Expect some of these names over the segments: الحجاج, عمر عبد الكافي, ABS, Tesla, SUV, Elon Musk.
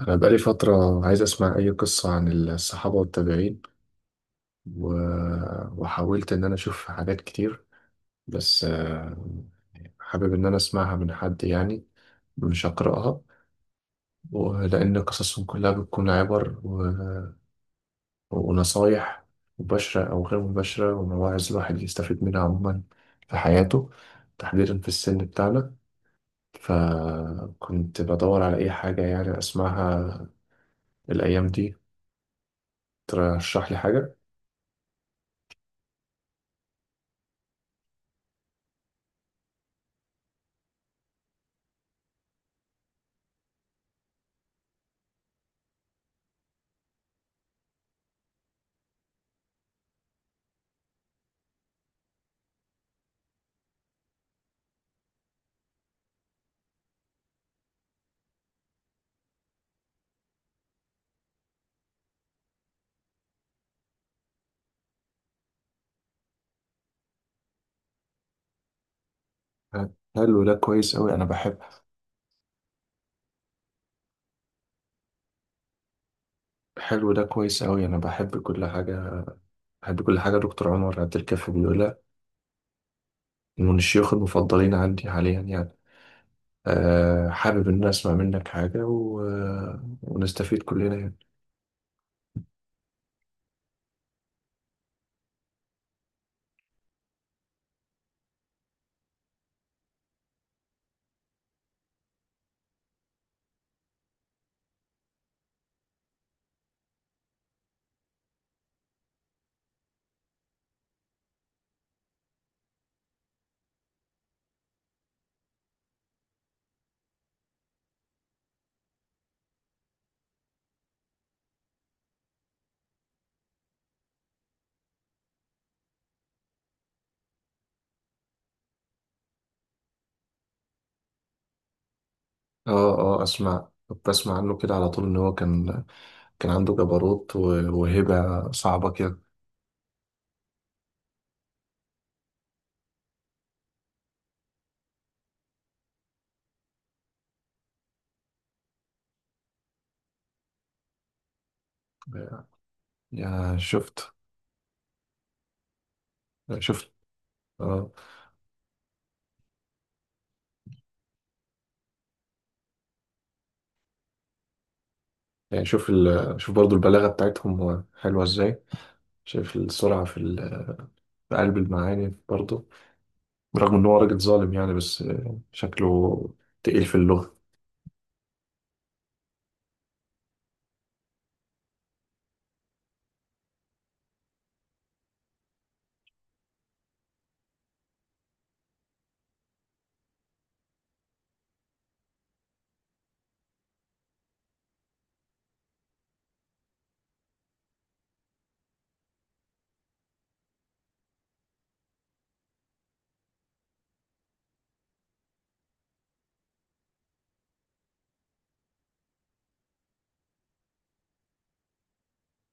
أنا بقالي فترة عايز أسمع أي قصة عن الصحابة والتابعين. و... وحاولت إن أنا أشوف حاجات كتير، بس حابب إن أنا أسمعها من حد، يعني مش أقرأها، ولأن قصصهم كلها بتكون عبر ونصايح مباشرة أو غير مباشرة ومواعظ الواحد يستفيد منها عموما في حياته، تحديدا في السن بتاعنا. فكنت بدور على أي حاجة يعني أسمعها الأيام دي، ترشح لي حاجة. حلو، ده كويس أوي، أنا بحب. حلو، ده كويس أوي، أنا بحب كل حاجة، بحب كل حاجة دكتور عمر عبد الكافي بيقولها، من الشيوخ المفضلين عندي حاليا يعني. أه حابب إن أنا أسمع منك حاجة و... آه، ونستفيد كلنا يعني. أه أه أسمع، كنت بسمع عنه كده على طول إن هو كان، كان عنده جبروت وهبة صعبة كده. يعني شفت، أه. يعني شوف برضو البلاغة بتاعتهم حلوة إزاي، شايف السرعة في قلب المعاني برضو، برغم ان هو راجل ظالم يعني، بس شكله تقيل في اللغة.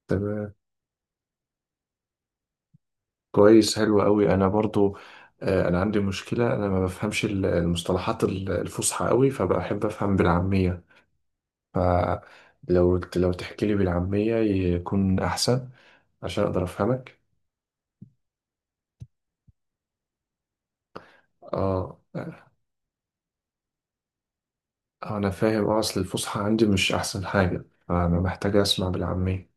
تمام. كويس حلو قوي، انا برضو انا عندي مشكلة، انا ما بفهمش المصطلحات الفصحى قوي، فبحب افهم بالعامية، فلو تحكي لي بالعامية يكون احسن عشان اقدر افهمك. اه، انا فاهم. اه، اصل الفصحى عندي مش احسن حاجة، فانا محتاج اسمع بالعامية.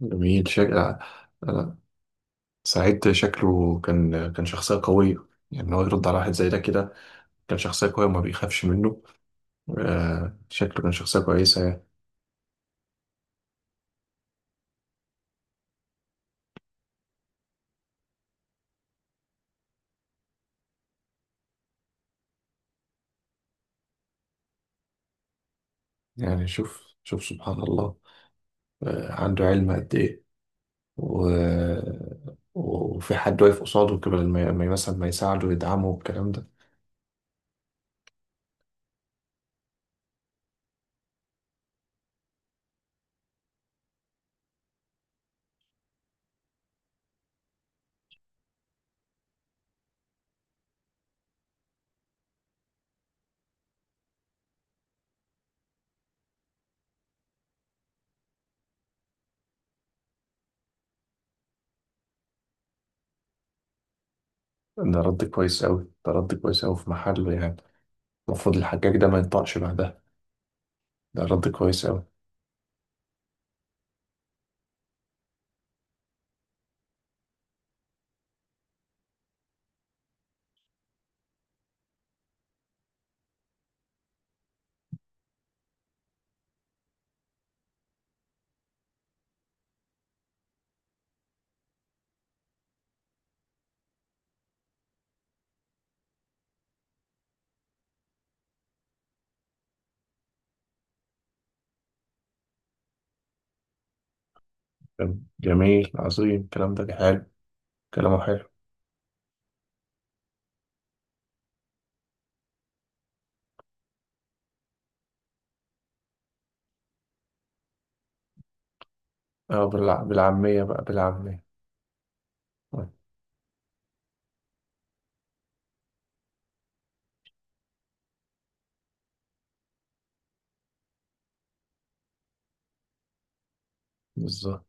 جميل شكل. انا سعيد شكله كان شخصية قوية، يعني إن هو يرد على واحد زي ده كده، كان شخصية قوية وما بيخافش منه. شكله كان شخصية كويسة يعني. يعني شوف شوف سبحان الله، عنده علم قد إيه. و... وفي حد واقف قصاده كده لما ما مثلا ما يساعده ويدعمه والكلام ده. ده رد كويس أوي، ده رد كويس أوي، في محله يعني، المفروض الحجاج ده ما ينطقش بعدها، ده رد كويس أوي. جميل، عظيم، الكلام ده حلو، كلامه حلو. اه، بالعامية بقى، بالعامية، آه، بالظبط.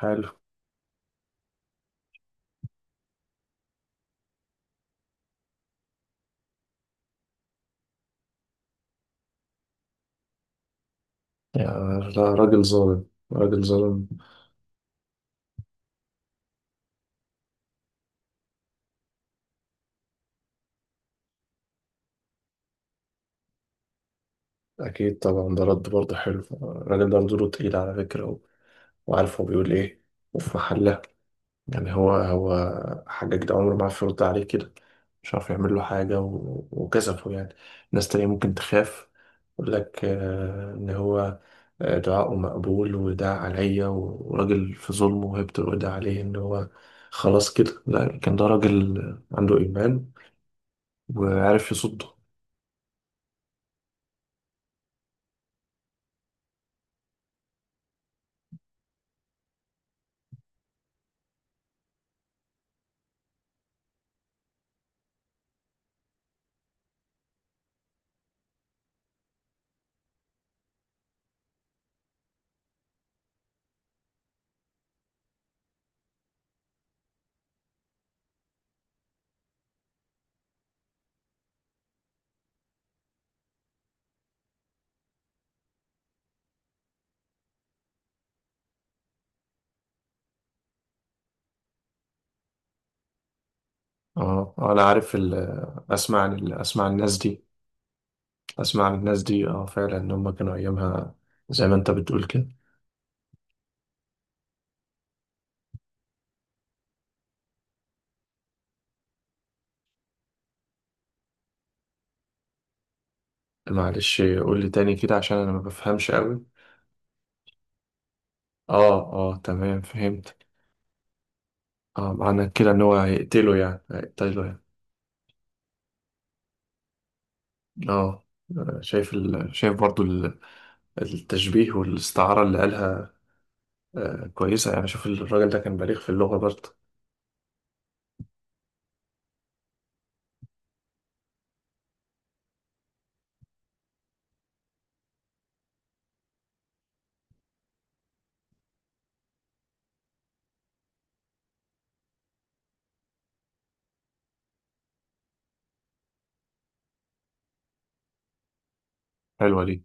حلو، يعني راجل ظالم، راجل ظالم. أكيد طبعا، ده رد برضه حلو، الراجل ده نزوله تقيل على فكرة، وعارف هو بيقول إيه وفي محله. يعني هو هو، حجاج ده عمره ما عرف يرد عليه كده، مش عارف يعمل له حاجة وكسفه يعني. ناس تانية ممكن تخاف يقول لك إن هو دعاؤه مقبول وده عليا وراجل في ظلمه وهيبته، وده عليه إن هو، خلاص كده. لا، كان ده راجل عنده إيمان وعارف يصده. اه، انا عارف اسمع عن اسمع عن الناس دي، اسمع من الناس دي، اه فعلا ان هم كانوا ايامها زي ما انت بتقول كده. معلش قول لي تاني كده عشان انا ما بفهمش قوي. اه اه، تمام، فهمت. اه، معنى كده ان هو هيقتله يعني، هيقتله يعني. اه، شايف برضو التشبيه والاستعارة اللي قالها. كويسة يعني، شوف الراجل ده كان بليغ في اللغة برضه. حلوة دي.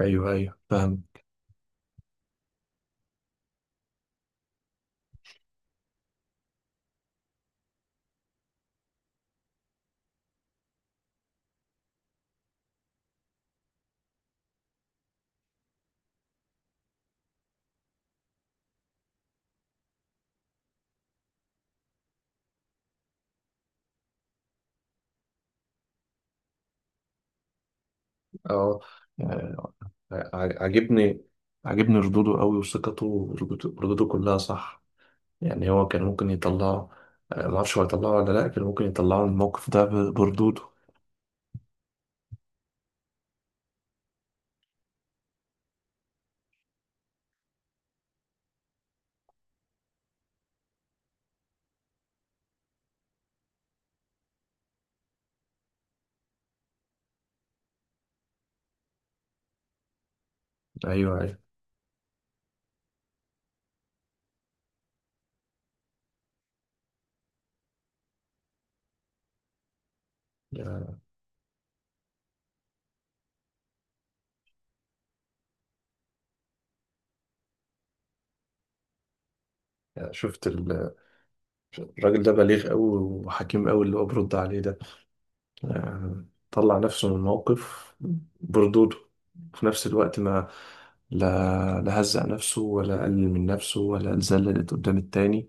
ايوه ايوه، فاهم. اه، آه، ع- عاجبني عاجبني ردوده قوي، وثقته، وردوده كلها صح. يعني هو كان ممكن يطلعه، ما اعرفش هو يطلعه ولا لا، كان ممكن يطلعه من الموقف ده بردوده. ايوه ايوه. يعني شفت الراجل ده بليغ قوي وحكيم قوي، اللي هو برد عليه ده. آه، طلع نفسه من الموقف بردوده، في نفس الوقت ما لا لا هزق نفسه ولا قلل من نفسه ولا اتذللت قدام التاني.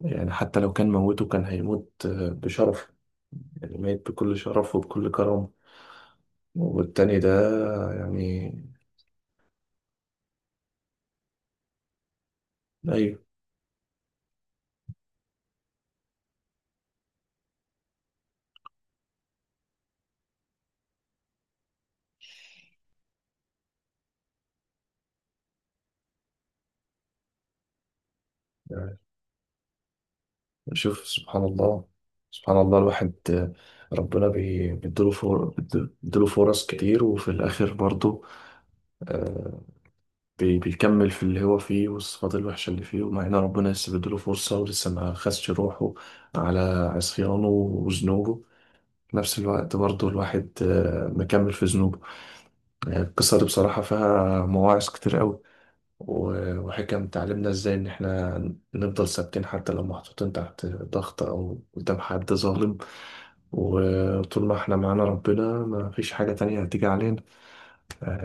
يعني حتى لو كان موته كان هيموت بشرف، يعني ميت بكل شرف وبكل كرامة، والتاني ده، يعني. أيوه، شوف سبحان الله، سبحان الله. الواحد ربنا بيديله فرص كتير، وفي الآخر برضه آه، بيكمل في اللي هو فيه، والصفات الوحشة اللي فيه، ومع إن ربنا لسه بيديله فرصة ولسه ما خدش روحه على عصيانه وذنوبه، في نفس الوقت برضه الواحد مكمل في ذنوبه. يعني القصة دي بصراحة فيها مواعظ كتير قوي، وحكم تعلمنا إزاي إن إحنا نفضل ثابتين حتى لو محطوطين تحت ضغط أو قدام حد ظالم. وطول ما احنا معانا ربنا ما فيش حاجة تانية هتيجي علينا.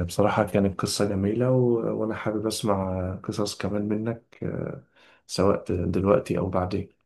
بصراحة كانت قصة جميلة، وأنا حابب أسمع قصص كمان منك، سواء دلوقتي أو بعدين.